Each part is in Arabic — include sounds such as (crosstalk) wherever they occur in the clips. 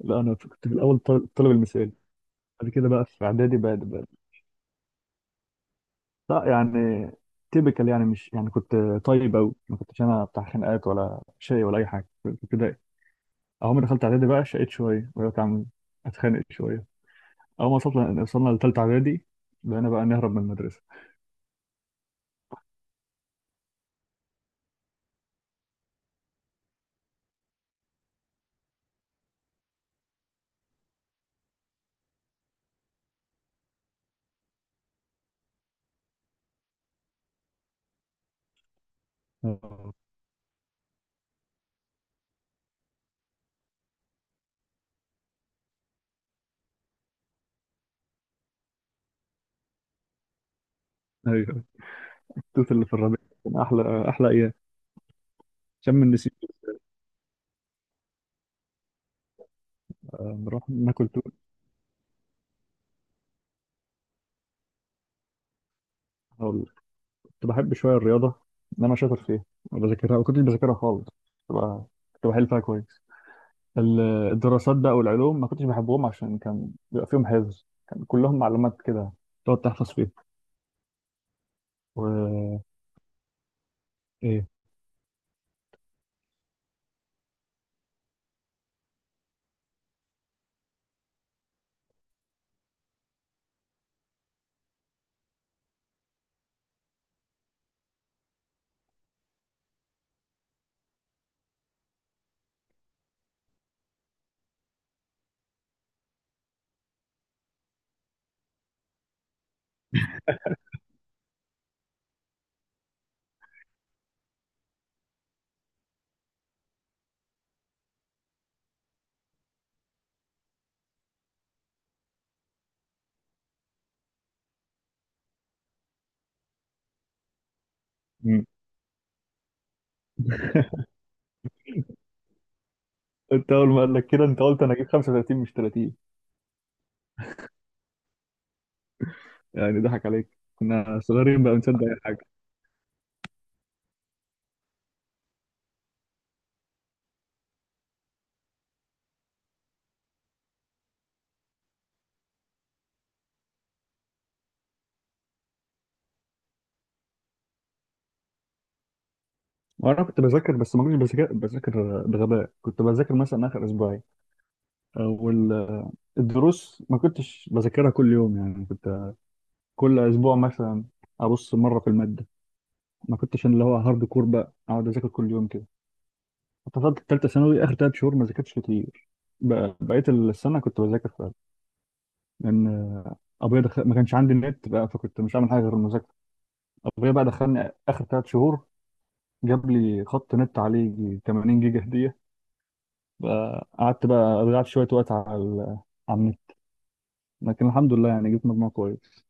لا انا كنت في الاول الطالب المثالي. بعد كده بقى في اعدادي بقى، لا يعني، تيبيكال يعني، مش يعني كنت طيب قوي. ما كنتش انا بتاع خناقات ولا شيء ولا اي حاجه، كنت كده. اول ما دخلت اعدادي بقى شقيت شويه وبقيت عم اتخانق شويه. اول ما وصلنا لثالثه اعدادي بقينا بقى نهرب من المدرسه. آه. ايوه، التوت اللي في الربيع كان احلى ايام. شم النسيم، نروح ناكل توت. هقول لك. كنت بحب شويه الرياضه، ان انا شاطر فيها. ما بذاكرها، ما كنتش بذاكرها خالص. كنت بقى- كنت بحل فيها كويس. ال- الدراسات بقى والعلوم ما كنتش بحبهم عشان كان بيبقى فيهم حفظ، كان كلهم معلومات كده تقعد تحفظ فيها. و ايه. مم. (laughs) انت اول ما قال لك كده انت قلت انا اجيب 35 مش 30. يعني ضحك عليك، كنا صغيرين بقى بنصدق اي حاجه. وانا كنت بذاكر، بس ما كنتش بذاكر، بذاكر بغباء. كنت بذاكر مثلا اخر اسبوعين، والدروس ما كنتش بذاكرها كل يوم. يعني كنت كل اسبوع مثلا ابص مره في الماده. ما كنتش اللي هو هارد كور بقى اقعد اذاكر كل يوم. اتفضلت في ثالثه ثانوي اخر ثلاث شهور ما ذاكرتش كتير. بقيت السنه كنت بذاكر فعلا، لان ابويا دخل... ما كانش عندي النت بقى، فكنت مش عامل حاجه غير المذاكره. ابويا بقى دخلني اخر ثلاث شهور، جاب لي خط نت عليه يجي 80 جيجا هديه. بقى قعدت بقى ضيعت شويه وقت على على النت، لكن الحمد لله يعني جبت مجموع كويس.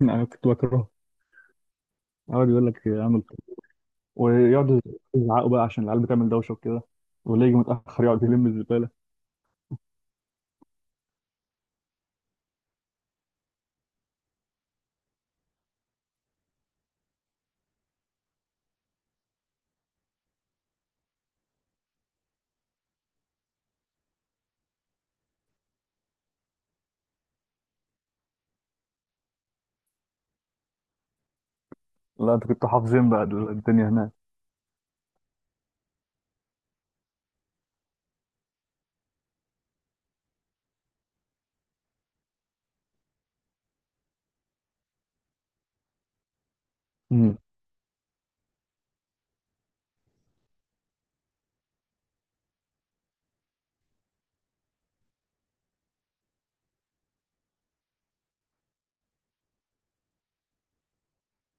(laughs) يعني كنت بكرهه. يقعد يقول لك اعمل كده، ويقعدوا يزعقوا بقى عشان العيال بتعمل دوشه وكده، واللي يجي متاخر يقعد يلم الزباله. لا انت كنت حافظين بقى الدنيا هناك.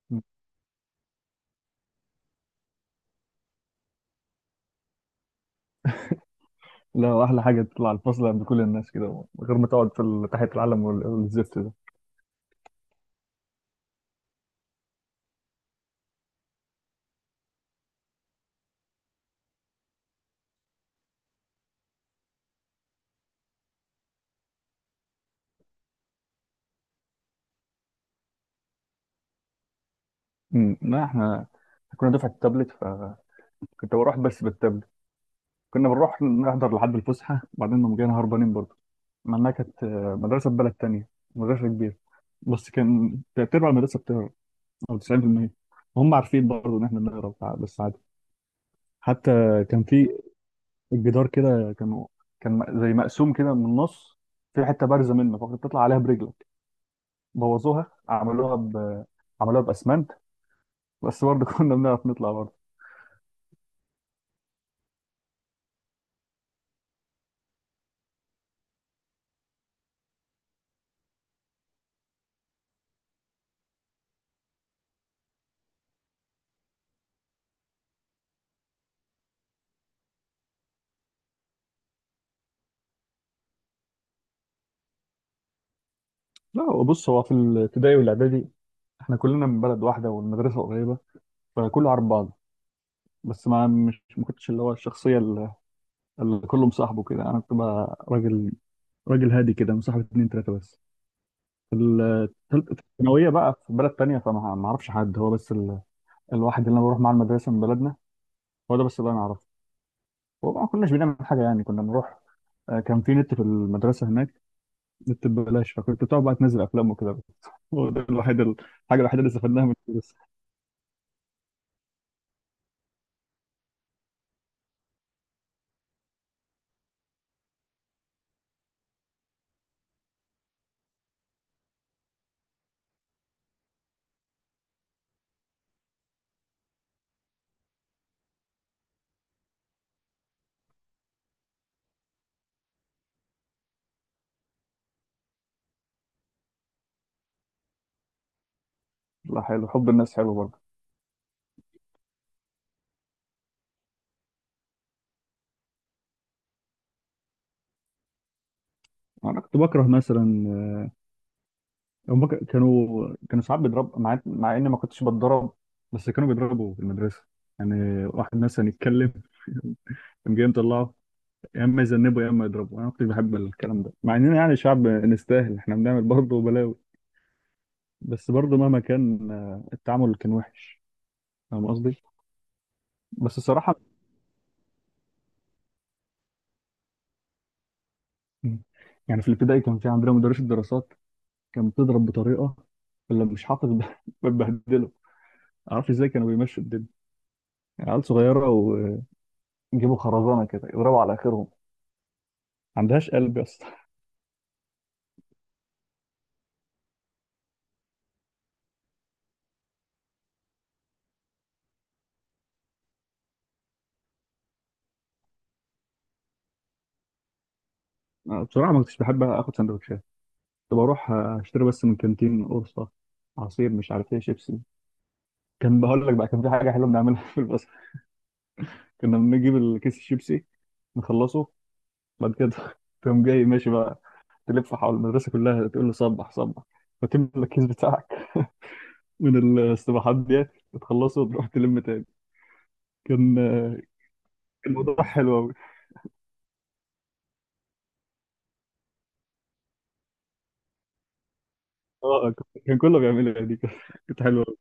مم. لا، احلى حاجه تطلع الفصل عند كل الناس كده من غير ما تقعد في تحت العلم والزفت ده. أمم، لا احنا كنا دفعه التابلت، فكنت بروح بس بالتابلت. كنا بنروح نحضر لحد الفسحه وبعدين نقوم جايين هربانين برضه. مع انها كانت مدرسه في بلد تانية، مدرسه كبيره. بس كان تلات ارباع المدرسه بتهرب، او 90%. وهم عارفين برضه ان احنا بنهرب، بس عادي. حتى كان في الجدار كده زي مقسوم كده من النص، في حته بارزه منه فكنت تطلع عليها برجلك. بوظوها، عملوها ب... عملوها باسمنت، بس برضه (laughs) كنا بنعرف نطلع برضه. لا هو بص، هو في الابتدائي والاعدادي احنا كلنا من بلد واحده والمدرسه قريبه، فكله عارف بعض. بس ما مش ما كنتش اللي هو الشخصيه اللي كله مصاحبه كده. انا كنت بقى راجل، راجل هادي، كده مصاحب اتنين تلاته بس. في الثالثه الثانويه بقى في بلد تانيه، فما ما اعرفش حد. هو بس الواحد اللي انا بروح معاه المدرسه من بلدنا، هو ده بس اللي انا اعرفه. وما كناش بنعمل حاجه، يعني كنا بنروح. كان في نت في المدرسه هناك، النت ببلاش، فكنت بتقعد بقى تنزل افلام وكده (laughs) بس. هو ده الوحيد، الحاجه الوحيده اللي استفدناها من الدرس. لا حلو، حب الناس حلو برضه. انا كنت بكره مثلا، هم كانوا ساعات بيضرب، مع اني ما كنتش بتضرب، بس كانوا بيضربوا في المدرسه. يعني واحد مثلا يتكلم كان جاي مطلعه، يا اما يذنبه يا اما يضربه. انا ما كنتش بحب الكلام ده، مع اننا يعني شعب نستاهل، احنا بنعمل برضه بلاوي، بس برضه مهما كان التعامل كان وحش. فاهم قصدي. بس الصراحه، يعني في الابتدائي كان في عندنا مدرس الدراسات كان بتضرب بطريقه اللي مش حاطط (laughs) بتبهدله. معرفش ازاي كانوا بيمشوا الدنيا، يعني عيال صغيره ويجيبوا خرزانه كده يضربوا على اخرهم. ما عندهاش قلب يا اسطى. (laughs) أنا بصراحه ما كنتش بحب اخد سندوتشات، كنت بروح اشتري بس من كانتين، قرصه، عصير، مش عارف ايه، شيبسي. كان بقول لك بقى، كان في حاجه حلوه بنعملها في البصر، كنا بنجيب الكيس الشيبسي نخلصه، بعد كده (laughs) تقوم جاي ماشي بقى تلف حول المدرسه كلها تقول له صبح صبح، وتملى الكيس بتاعك (laughs) من الاستباحات ديت، وتخلصه وتروح تلم تاني. كان كان موضوع حلو قوي. اه كان كله بيعملها دي، كانت حلوه قوي.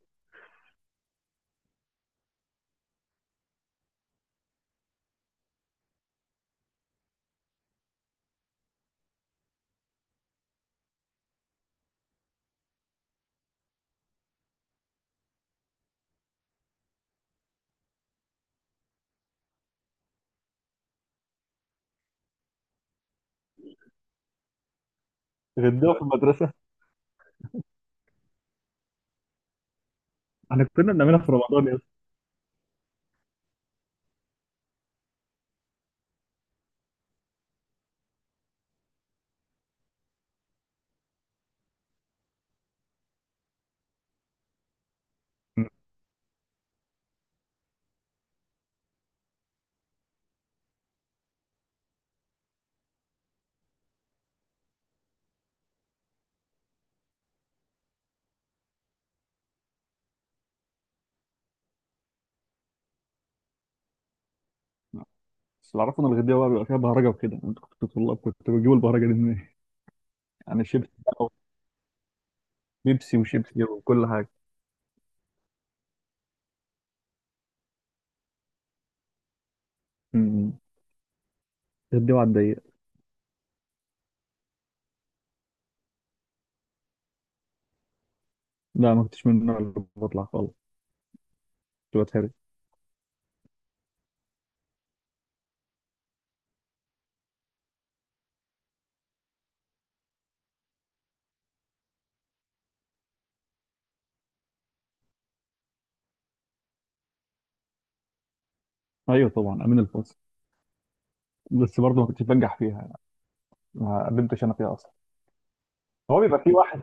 غديوه في المدرسه. احنا كنا بنعملها في رمضان يا اسطى. بس اللي اعرفه ان الغديوه بقى بيبقى فيها بهرجه وكده، انتوا كنتوا طلاب، كنتوا بتجيبوا البهرجه دي منين؟ يعني شيبسي بقى، بيبسي وشيبسي وكل حاجه. امم. غديوه على الضيق. لا ما كنتش من النوع اللي بطلع خالص، كنت بتهرب. ايوه طبعا، امين الفصل، بس برضه ما كنتش بنجح فيها، ما قدمتش انا فيها اصلا. هو بيبقى في واحد.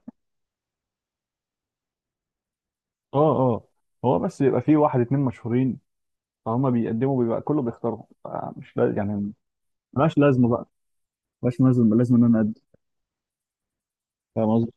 اه اه، هو بس بيبقى في واحد اتنين مشهورين، فهم بيقدموا، بيبقى كله بيختارهم، فمش لا يعني، ملهاش لازمه بقى، ملهاش لازمه لازم ان انا اقدم. فاهم قصدي؟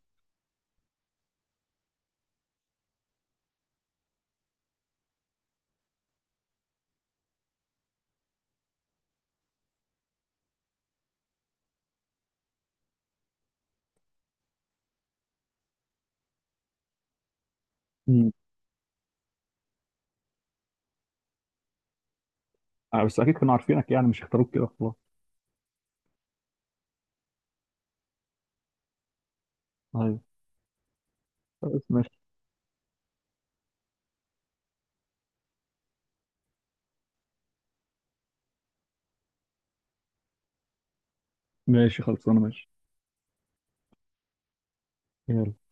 مم. آه، بس اكيد كانوا عارفينك، يعني مش اختاروك كده خلاص. ايوه. خلاص ماشي. ماشي خلاص انا ماشي. يلا.